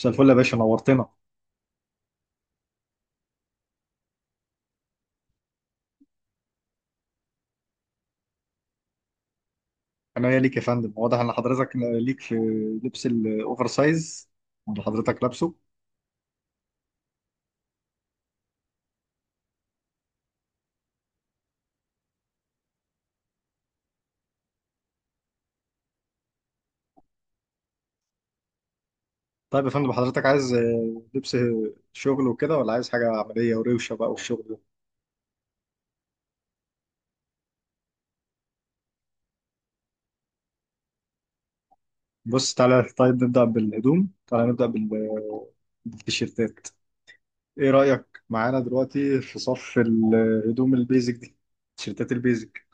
مساء الفل يا باشا، نورتنا. انا ويا ليك يا فندم، واضح ان حضرتك ليك في لبس الاوفر سايز اللي حضرتك لابسه. طيب يا فندم، حضرتك عايز لبس شغل وكده ولا عايز حاجه عمليه وروشه بقى والشغل ده؟ بص تعالى، طيب نبدا بالهدوم، تعالى نبدا بالتيشيرتات. ايه رايك معانا دلوقتي في صف الهدوم البيزك دي؟ تيشيرتات البيزك.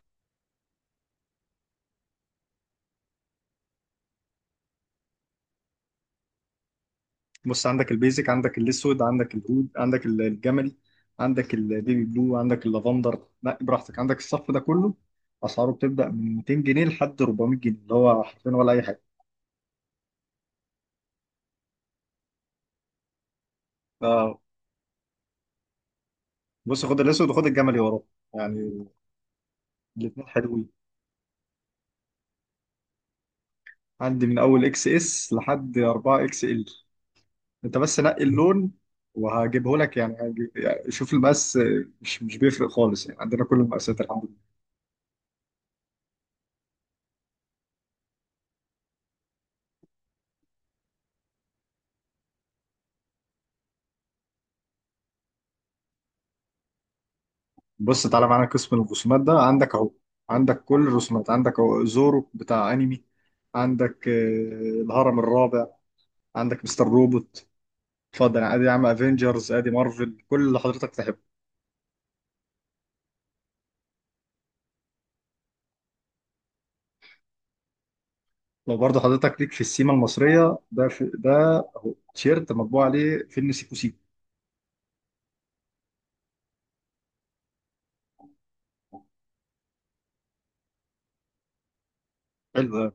بص، عندك البيزك، عندك الاسود، عندك العود، عندك الجملي، عندك البيبي بلو، عندك اللافندر، لا براحتك، عندك الصف ده كله. اسعاره بتبدا من 200 جنيه لحد 400 جنيه، اللي هو حرفيا ولا اي حاجه. آه. بص خد الاسود وخد الجملي وراه يعني. الاثنين حلوين. عندي من اول اكس اس لحد 4 اكس ال. انت بس نقي اللون وهجيبه لك يعني، يعني شوف المقاس، مش بيفرق خالص، يعني عندنا كل المقاسات الحمد. بص تعالى معانا قسم الرسومات ده عندك اهو. عندك كل الرسومات، عندك اهو زورو بتاع انمي. عندك الهرم الرابع. عندك مستر روبوت. اتفضل، ادي يا عم افنجرز، ادي مارفل، كل اللي حضرتك تحبه. لو برضه حضرتك ليك في السيما المصريه، ده في ده اهو تيشيرت مطبوع عليه فيلم سيكو سيكو. حلو.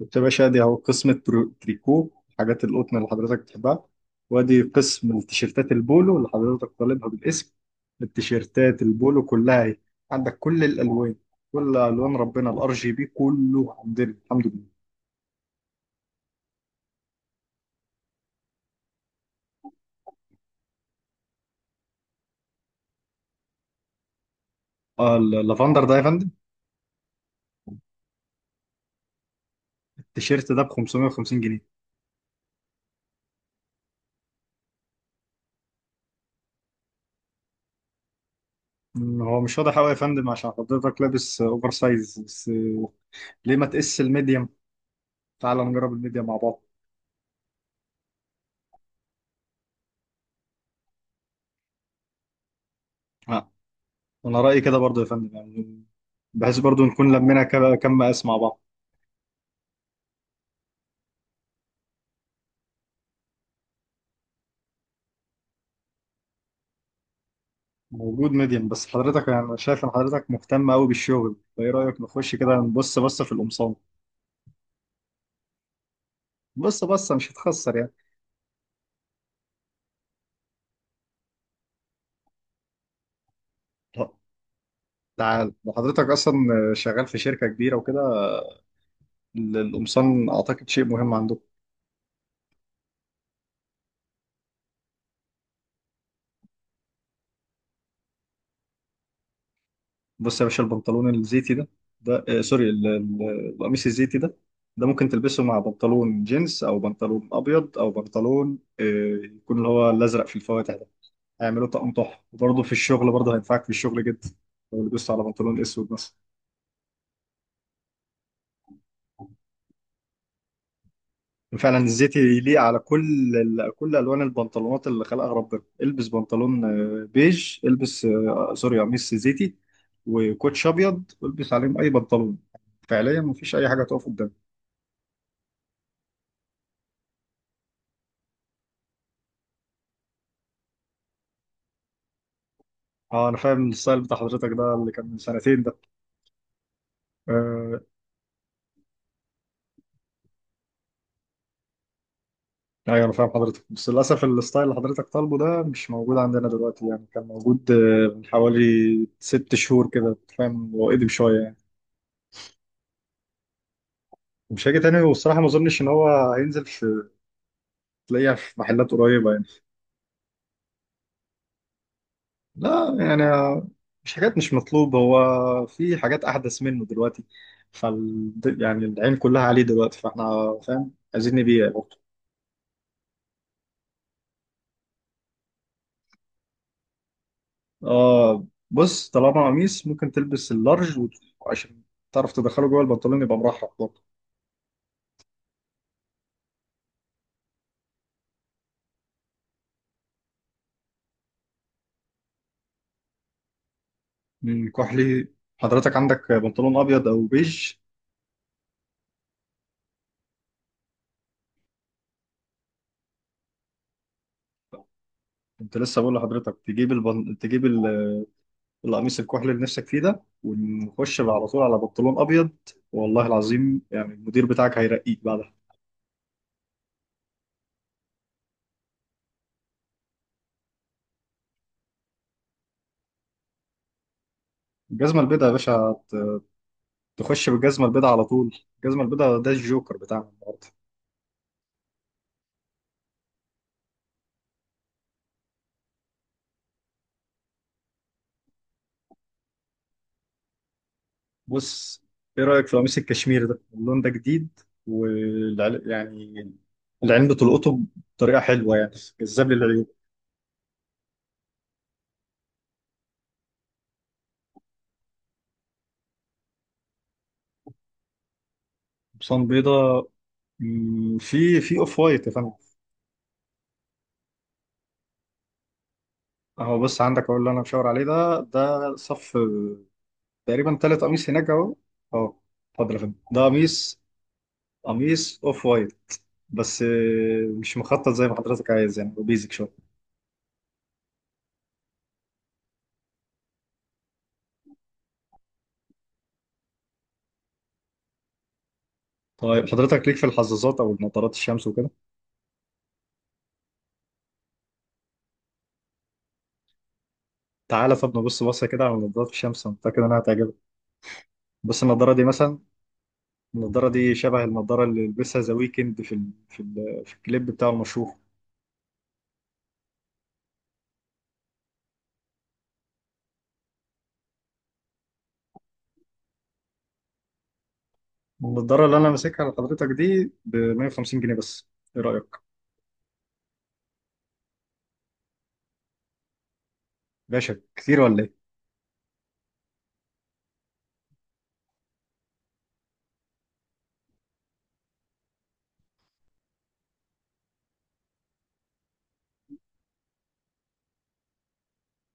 بص يا باشا، دي اهو قسم التريكو، حاجات القطن اللي حضرتك بتحبها. وادي قسم التيشيرتات البولو اللي حضرتك طالبها بالاسم. التيشيرتات البولو كلها اهي. عندك كل الالوان، كل الوان ربنا، الار جي بي كله عندنا الحمد لله. اللافندر ده يا فندم. التيشيرت ده ب 550 جنيه. هو مش واضح قوي يا فندم عشان حضرتك لابس اوفر سايز بس. ليه ما تقيس الميديم؟ تعال نجرب الميديم مع بعض. آه، انا رايي كده برضو يا فندم يعني. بحيث برضو نكون لمينا كم كم مقاس مع بعض. موجود ميديم. بس حضرتك يعني انا شايف ان حضرتك مهتم قوي بالشغل، فايه رايك نخش كده نبص بصه في القمصان؟ بص بصه مش هتخسر يعني. طب تعال، لو حضرتك اصلا شغال في شركه كبيره وكده، القمصان اعتقد شيء مهم عندكم. بص يا باشا البنطلون الزيتي ده، سوري، القميص الزيتي ده، ده ممكن تلبسه مع بنطلون جينز او بنطلون ابيض او بنطلون يكون اللي هو الازرق في الفواتح ده. هيعملوا طقم تحفه، وبرضه في الشغل برضه هينفعك في الشغل جدا لو لبست على بنطلون اسود مثلا. فعلا الزيت يليق على كل الوان البنطلونات اللي خلقها ربنا. البس بنطلون بيج، البس سوري قميص زيتي وكوتش ابيض والبس عليهم اي بنطلون. فعليا مفيش اي حاجه تقف قدامي. اه، انا فاهم الستايل بتاع حضرتك ده، اللي كان من سنتين ده. آه، ايوه، انا فاهم حضرتك، بس للاسف الستايل اللي حضرتك طالبه ده مش موجود عندنا دلوقتي. يعني كان موجود من حوالي ست شهور كده، أنت فاهم، هو قديم شويه يعني. مش هيجي تاني، والصراحه ما اظنش ان هو هينزل، في تلاقيها في محلات قريبه يعني. لا يعني، مش حاجات مش مطلوبة، هو في حاجات أحدث منه دلوقتي، فال يعني العين كلها عليه دلوقتي، فاحنا فاهم عايزين نبيع برضه. اه، بص، طالما قميص ممكن تلبس اللارج، عشان تعرف تدخله جوه البنطلون، يبقى مرحب برضه. كحلي، حضرتك عندك بنطلون أبيض أو بيج؟ كنت لسه بقول لحضرتك تجيب القميص الكحلي اللي نفسك فيه ده، ونخش على طول على بنطلون أبيض. والله العظيم يعني المدير بتاعك هيرقيك بعد. الجزمة البيضاء يا باشا، تخش بالجزمة البيضاء على طول. الجزمة البيضاء ده الجوكر بتاعنا النهاردة. بص، ايه رأيك في قميص الكشمير ده؟ اللون ده جديد، يعني العين بتلقطه بطريقة حلوة، يعني جذاب للعيون. قمصان بيضاء. في اوف وايت يا فندم. اهو بص، عندك اهو اللي انا مشاور عليه ده، ده صف تقريبا تالت قميص هناك اهو اهو. اتفضل يا فندم، ده قميص، قميص اوف وايت، بس مش مخطط زي ما حضرتك عايز، يعني بيزك شوية. طيب حضرتك ليك في الحظاظات او نظارات الشمس وكده. تعالى طب نبص بصه كده على نظارات الشمس، انا متاكد انها هتعجبك. بص النضاره دي مثلا. النضاره دي شبه النضاره اللي لبسها ذا ويكند في الكليب بتاع المشهور. النضاره اللي انا ماسكها لحضرتك دي ب 150 جنيه بس. ايه رايك؟ باشا، كتير ولا ايه؟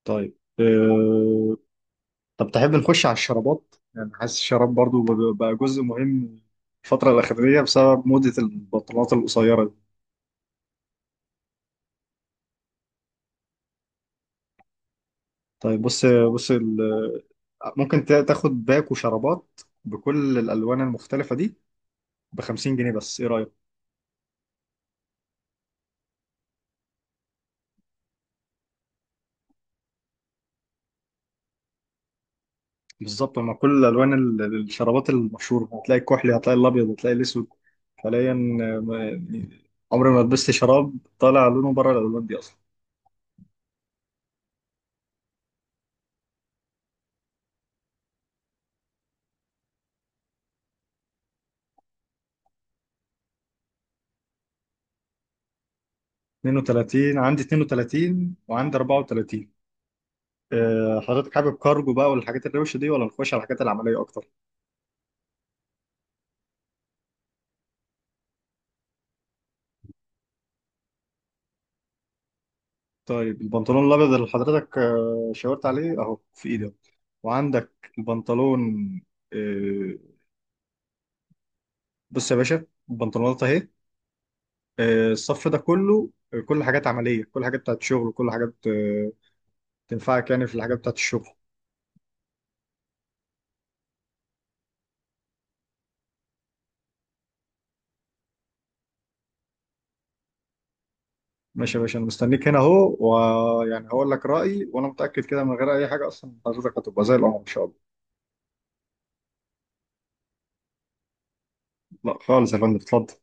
طيب أه... طب تحب نخش على الشرابات؟ يعني حاسس الشراب برضو بقى جزء مهم الفتره الاخيره بسبب موضه البنطلونات القصيره. طيب بص بص، ممكن تاخد باك وشرابات بكل الالوان المختلفه دي ب 50 جنيه بس. ايه رايك؟ بالظبط هما كل الالوان، الشرابات المشهوره، هتلاقي الكحلي، هتلاقي الابيض، هتلاقي الاسود حاليا. يعني عمري ما لبست شراب طالع لونه بره الالوان دي اصلا. 32، عندي 32 وعندي 34. حضرتك حابب كارجو بقى والحاجات الروشه دي ولا نخش على الحاجات العمليه اكتر؟ طيب البنطلون الابيض اللي حضرتك شاورت عليه اهو في ايدي أهو. وعندك البنطلون، آه، بص يا باشا البنطلونات اهي. الصف ده كله، كل حاجات عمليه، كل حاجات بتاعت شغل، كل حاجات تنفعك يعني في الحاجات بتاعت الشغل. ماشي يا باشا، انا مستنيك هنا اهو. ويعني هقول لك رايي، وانا متاكد كده من غير اي حاجه، اصلا حضرتك هتبقى زي القمر ان شاء الله. لا خالص يا فندم، اتفضل.